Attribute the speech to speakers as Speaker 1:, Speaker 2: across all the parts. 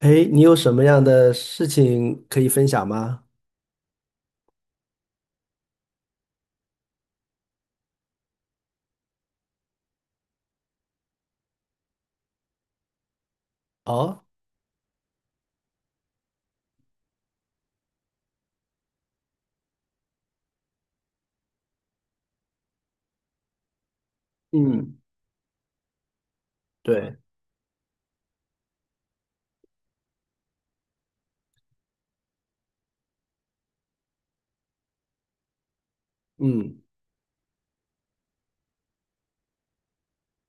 Speaker 1: 哎，你有什么样的事情可以分享吗？哦，嗯，对，嗯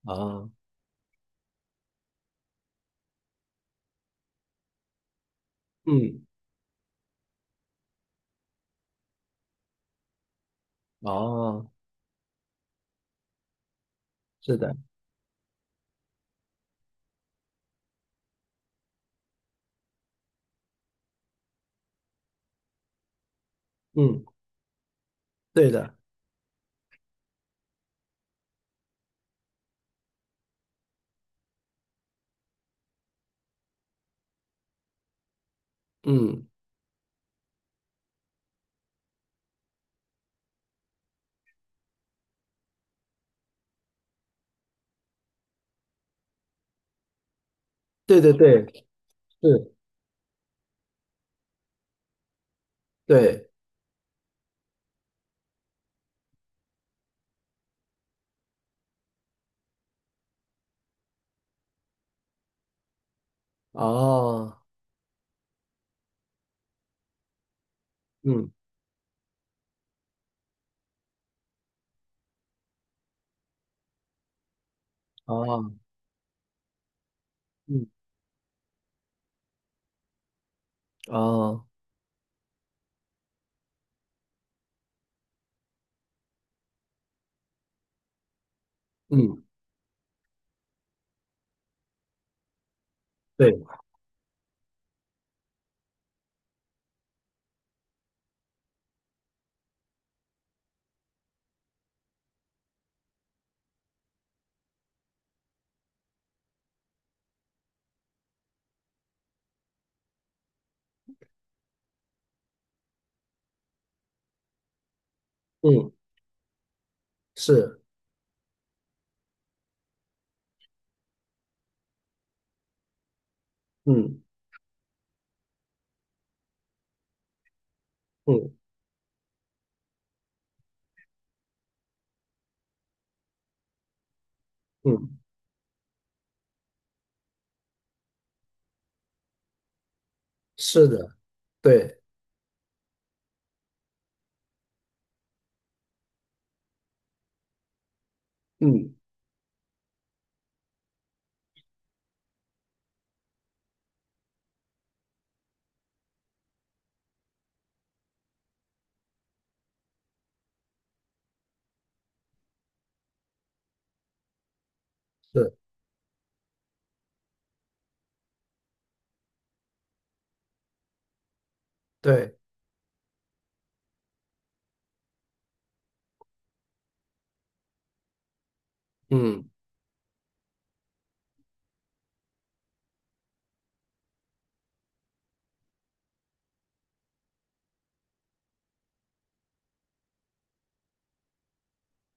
Speaker 1: 哦，嗯，哦，是的，嗯，对的，嗯，对对对，是，对，哦，嗯哦，嗯哦，嗯，对，嗯是，嗯嗯嗯，是的，对，嗯是，对，嗯，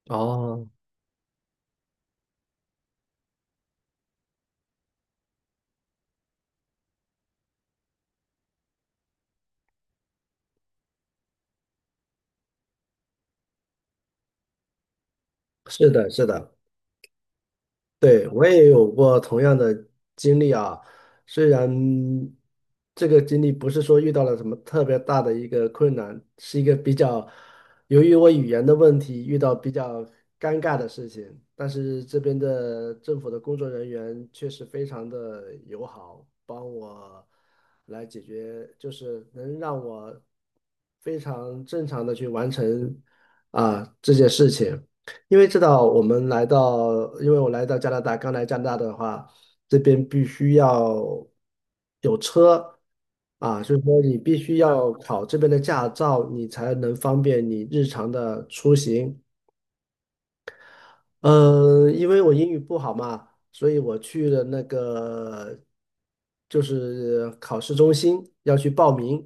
Speaker 1: 哦，是的，是的。对，我也有过同样的经历啊，虽然这个经历不是说遇到了什么特别大的一个困难，是一个比较，由于我语言的问题遇到比较尴尬的事情，但是这边的政府的工作人员确实非常的友好，帮我来解决，就是能让我非常正常的去完成啊这件事情。因为知道我们来到，因为我来到加拿大，刚来加拿大的话，这边必须要有车啊，所以说你必须要考这边的驾照，你才能方便你日常的出行。嗯，因为我英语不好嘛，所以我去了那个就是考试中心要去报名，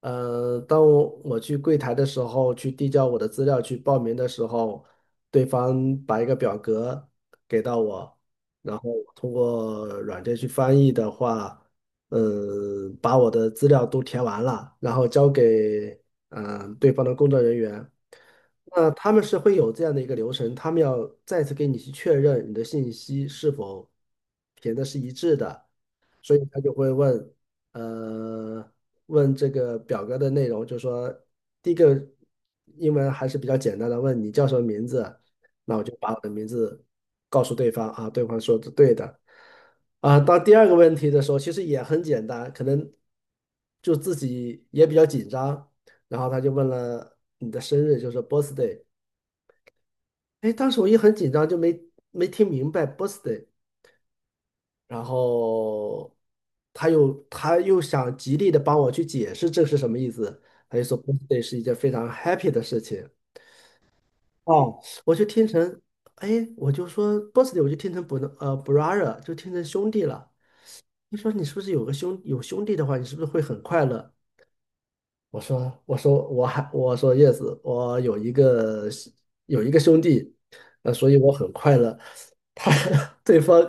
Speaker 1: 当我去柜台的时候，去递交我的资料去报名的时候，对方把一个表格给到我，然后我通过软件去翻译的话，嗯，把我的资料都填完了，然后交给对方的工作人员。那他们是会有这样的一个流程，他们要再次给你去确认你的信息是否填的是一致的。所以他就会问，呃，问这个表格的内容，就说第一个英文还是比较简单的，问你叫什么名字，那我就把我的名字告诉对方啊，对方说是对的，啊，到第二个问题的时候，其实也很简单，可能就自己也比较紧张，然后他就问了你的生日，就是 birthday,哎，当时我也很紧张，就没听明白 birthday。然后他又想极力的帮我去解释这是什么意思，他就说 birthday 是一件非常 happy 的事情。哦，我就听成，哎，我就说 birthday 我就听成 b r brother 就听成兄弟了。你说你是不是有个兄弟的话，你是不是会很快乐？我说叶子，我有一个兄弟，所以我很快乐。他 对方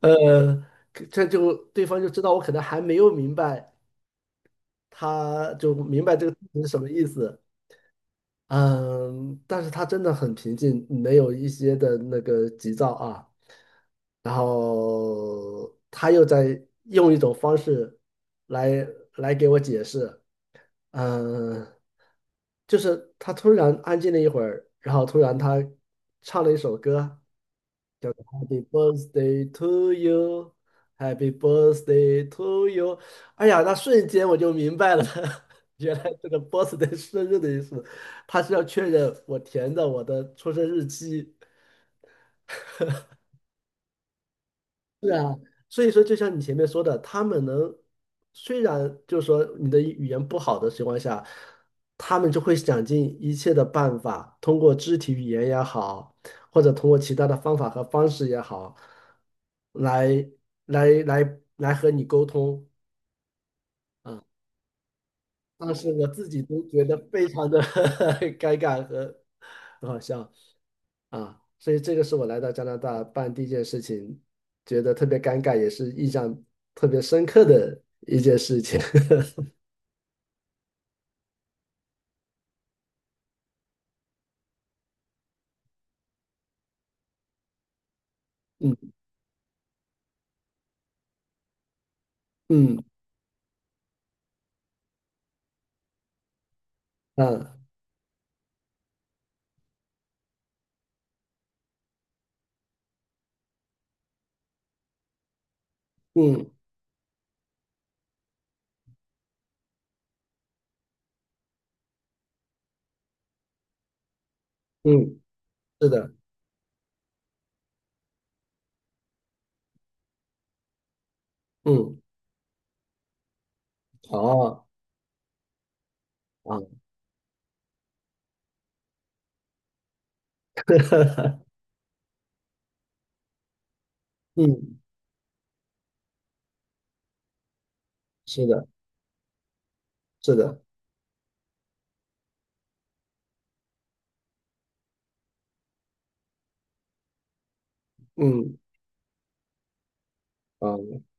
Speaker 1: 呃，这就对方就知道我可能还没有明白，他就明白这个是什么意思。嗯，但是他真的很平静，没有一些的那个急躁啊。然后他又在用一种方式来来给我解释。嗯、呃就是他突然安静了一会儿，然后突然他唱了一首歌，叫做《Happy Birthday to You》,Happy Birthday to You。哎呀，那瞬间我就明白了，原来这个 birthday 生日的意思，他是要确认我填的我的出生日期。是啊，所以说，就像你前面说的，他们能，虽然就是说你的语言不好的情况下，他们就会想尽一切的办法，通过肢体语言也好，或者通过其他的方法和方式也好，来来和你沟通啊。当时我自己都觉得非常的 尴尬和 很好笑。啊，所以这个是我来到加拿大办第一件事情，觉得特别尴尬，也是印象特别深刻的一件事情。嗯嗯啊嗯嗯，是的，嗯好啊，嗯是的，是的，嗯啊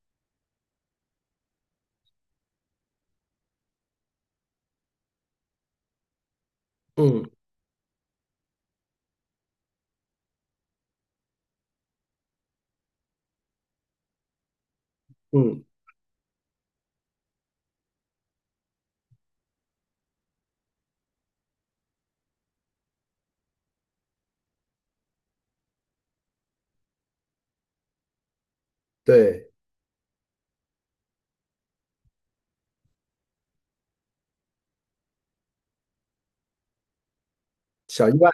Speaker 1: 嗯嗯，对，小意外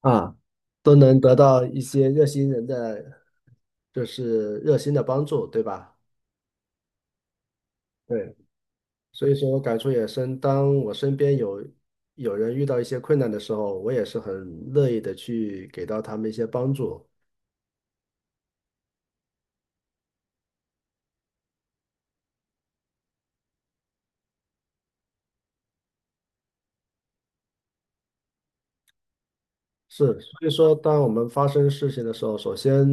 Speaker 1: 啊，都能得到一些热心人的，就是热心的帮助，对吧？对。所以说我感触也深，当我身边有人遇到一些困难的时候，我也是很乐意的去给到他们一些帮助。是，所以说，当我们发生事情的时候，首先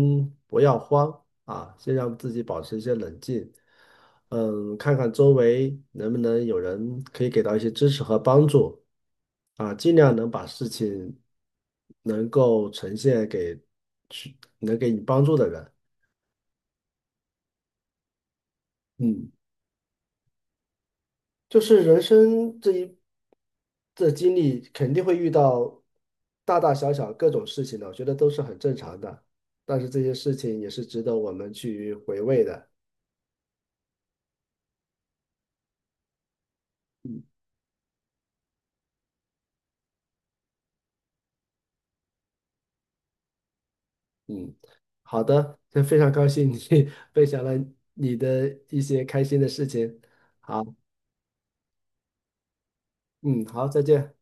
Speaker 1: 不要慌啊，先让自己保持一些冷静，嗯，看看周围能不能有人可以给到一些支持和帮助啊，尽量能把事情能够呈现给去能给你帮助的人。嗯。就是人生这经历，肯定会遇到大大小小各种事情的，我觉得都是很正常的。但是这些事情也是值得我们去回味的。嗯，好的，那非常高兴你 分享了你的一些开心的事情。好，嗯，好，再见。